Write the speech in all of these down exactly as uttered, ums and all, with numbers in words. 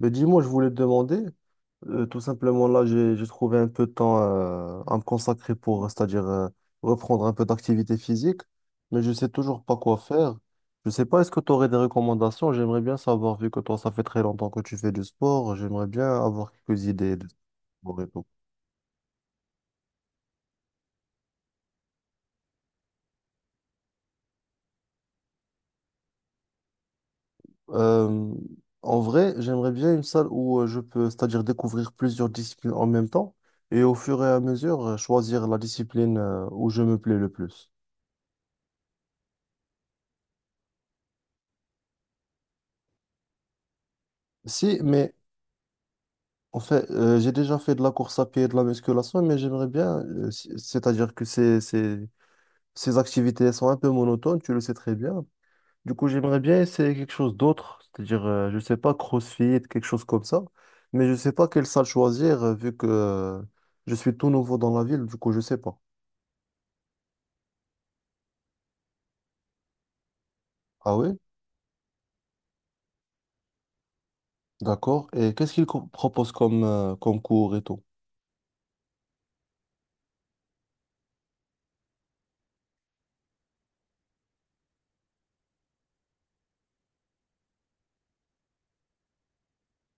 Mais dis-moi, je voulais te demander, euh, tout simplement là, j'ai j'ai trouvé un peu de temps euh, à me consacrer pour, c'est-à-dire euh, reprendre un peu d'activité physique, mais je sais toujours pas quoi faire. Je sais pas, est-ce que tu aurais des recommandations? J'aimerais bien savoir, vu que toi, ça fait très longtemps que tu fais du sport, j'aimerais bien avoir quelques idées de sport et tout. Euh, En vrai, j'aimerais bien une salle où euh, je peux, c'est-à-dire découvrir plusieurs disciplines en même temps et au fur et à mesure euh, choisir la discipline euh, où je me plais le plus. Si, mais en fait, euh, j'ai déjà fait de la course à pied et de la musculation, mais j'aimerais bien, euh, c- c'est-à-dire que ces, ces, ces activités elles sont un peu monotones, tu le sais très bien. Du coup, j'aimerais bien essayer quelque chose d'autre, c'est-à-dire, euh, je sais pas, CrossFit, quelque chose comme ça, mais je sais pas quelle salle choisir, euh, vu que euh, je suis tout nouveau dans la ville, du coup, je sais pas. Ah oui? D'accord. Et qu'est-ce qu'ils co- proposent comme, euh, comme cours et tout?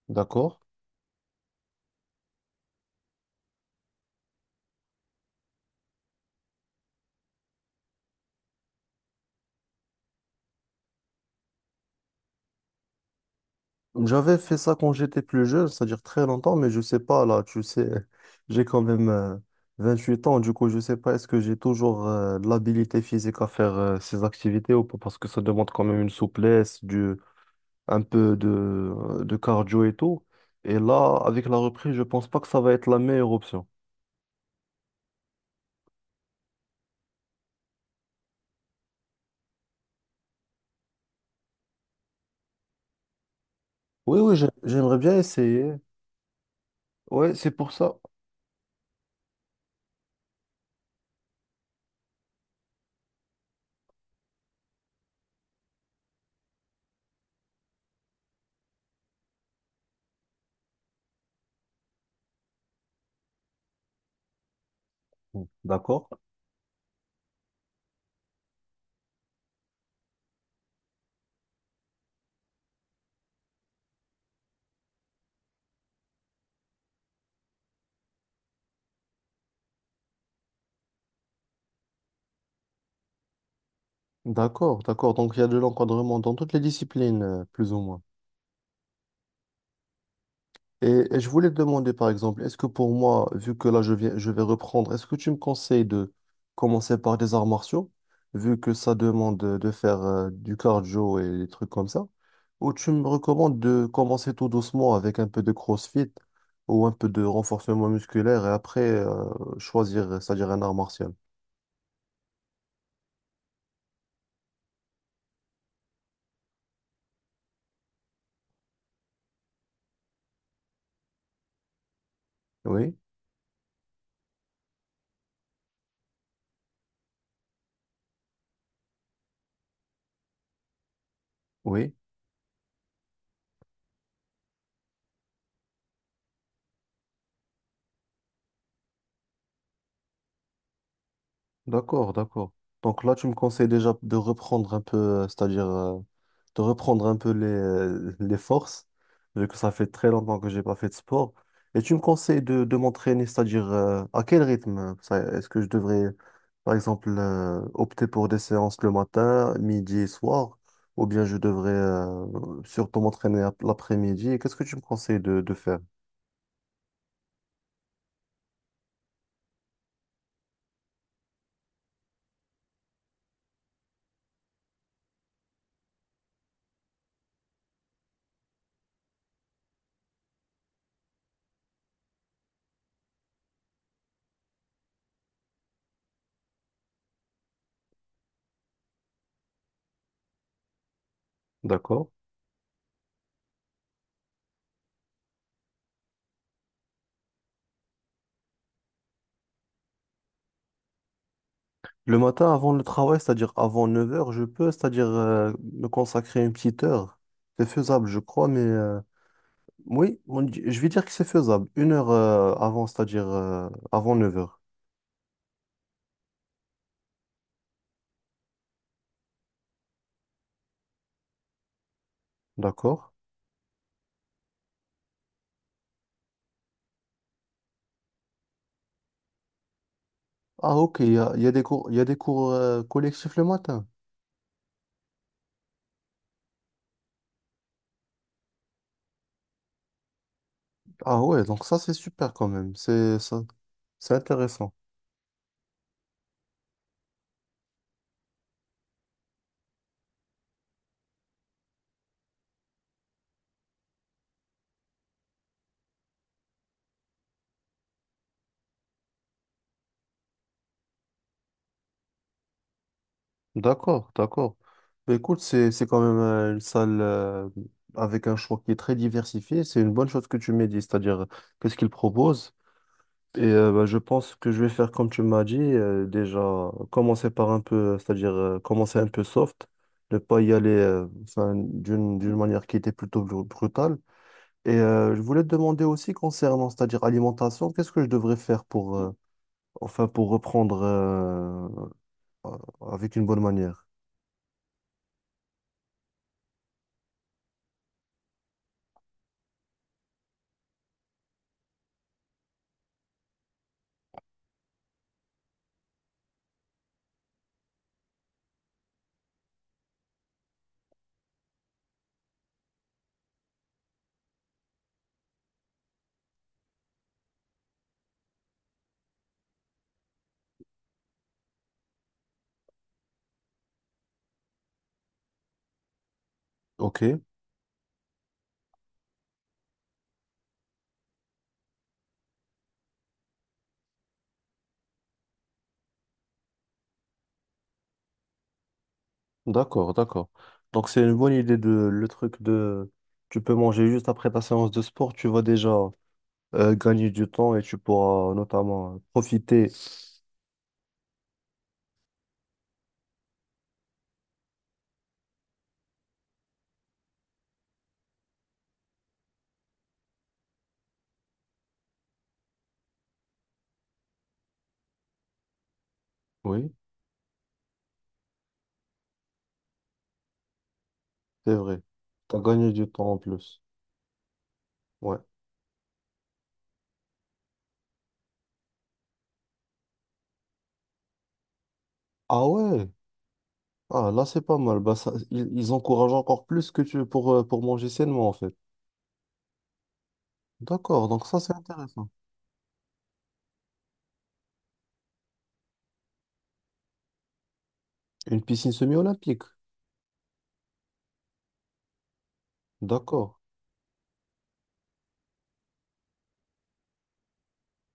D'accord. J'avais fait ça quand j'étais plus jeune, c'est-à-dire très longtemps, mais je sais pas, là, tu sais, j'ai quand même euh, huit ans, du coup, je sais pas, est-ce que j'ai toujours euh, de l'habilité physique à faire euh, ces activités ou pas, parce que ça demande quand même une souplesse, du, un peu de, euh, de cardio et tout. Et là, avec la reprise, je pense pas que ça va être la meilleure option. Oui, oui, j'ai- j'aimerais bien essayer. Oui, c'est pour ça. D'accord. D'accord, d'accord. Donc, il y a de l'encadrement dans toutes les disciplines, euh, plus ou moins. Et, et je voulais te demander, par exemple, est-ce que pour moi, vu que là je viens, je vais reprendre, est-ce que tu me conseilles de commencer par des arts martiaux, vu que ça demande de de faire euh, du cardio et des trucs comme ça, ou tu me recommandes de commencer tout doucement avec un peu de CrossFit ou un peu de renforcement musculaire et après euh, choisir, c'est-à-dire un art martial? Oui, oui. D'accord, d'accord. Donc là, tu me conseilles déjà de reprendre un peu, euh, c'est-à-dire euh, de reprendre un peu les, euh, les forces, vu que ça fait très longtemps que j'ai pas fait de sport. Et tu me conseilles de, de m'entraîner, c'est-à-dire euh, à quel rythme? euh, Ça, est-ce que je devrais, par exemple, euh, opter pour des séances le matin, midi et soir, ou bien je devrais euh, surtout m'entraîner ap- l'après-midi? Qu'est-ce que tu me conseilles de, de faire? D'accord. Le matin, avant le travail, c'est-à-dire avant neuf heures, je peux, c'est-à-dire euh, me consacrer une petite heure. C'est faisable, je crois, mais euh, oui, on dit- je vais dire que c'est faisable. Une heure euh, avant, c'est-à-dire euh, avant neuf heures, d'accord? Ah, ok, il y a, il y a des cours, il y a des cours euh, collectifs le matin. Ah ouais, donc ça, c'est super quand même. C'est ça, c'est intéressant. D'accord, d'accord. Mais écoute, c'est, c'est quand même euh, une salle euh, avec un choix qui est très diversifié. C'est une bonne chose que tu m'aies dit, c'est-à-dire euh, qu'est-ce qu'ils proposent. Et euh, bah, je pense que je vais faire comme tu m'as dit, euh, déjà commencer par un peu, euh, c'est-à-dire euh, commencer un peu soft, ne pas y aller euh, enfin, d'une d'une manière qui était plutôt bru- brutale. Et euh, je voulais te demander aussi concernant, c'est-à-dire alimentation, qu'est-ce que je devrais faire pour, euh, enfin, pour reprendre euh, euh, avec une bonne manière? Ok, d'accord, d'accord. Donc c'est une bonne idée de le truc de, tu peux manger juste après ta séance de sport, tu vas déjà euh, gagner du temps et tu pourras notamment euh, profiter. Oui, c'est vrai. Tu as gagné du temps en plus. Ouais. Ah ouais. Ah là, c'est pas mal. Bah, ça, ils, ils encouragent encore plus que tu pour, euh, pour manger sainement en fait. D'accord, donc ça c'est intéressant. Une piscine semi-olympique. D'accord.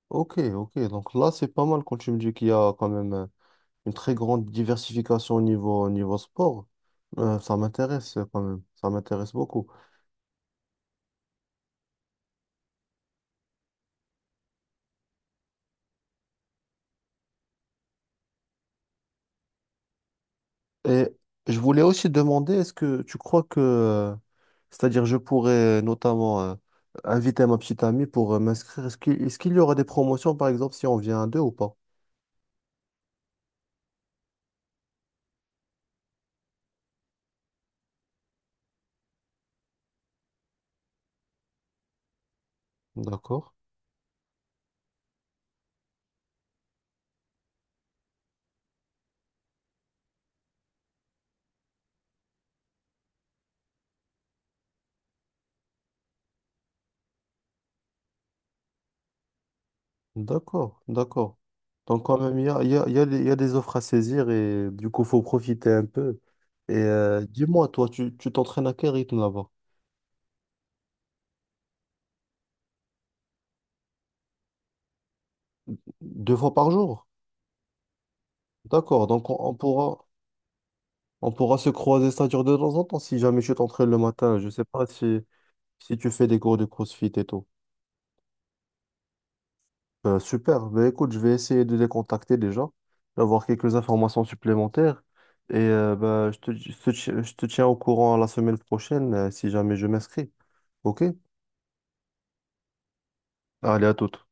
Ok, ok. Donc là, c'est pas mal quand tu me dis qu'il y a quand même euh, une très grande diversification au niveau, au niveau sport. Euh, ça m'intéresse quand même. Ça m'intéresse beaucoup. Et je voulais aussi demander, est-ce que tu crois que, euh, c'est-à-dire je pourrais notamment euh, inviter ma petite amie pour euh, m'inscrire, est-ce qu'il est-ce qu'il y aura des promotions par exemple si on vient à deux ou pas? D'accord, d'accord, d'accord. Donc quand même, il y a, il y a, il y a des il y a des offres à saisir et du coup, faut profiter un peu. Et euh, dis-moi, toi, tu tu t'entraînes à quel rythme là-bas? Deux fois par jour? D'accord, donc on, on pourra, on pourra se croiser, c'est-à-dire de temps en temps, si jamais tu t'entraînes le matin, je sais pas si... Si tu fais des cours de CrossFit et tout. Euh, super. Ben, écoute, je vais essayer de les contacter déjà, d'avoir quelques informations supplémentaires. Et euh, ben, je te, je te, je te tiens au courant la semaine prochaine euh, si jamais je m'inscris. OK? Allez, à toute.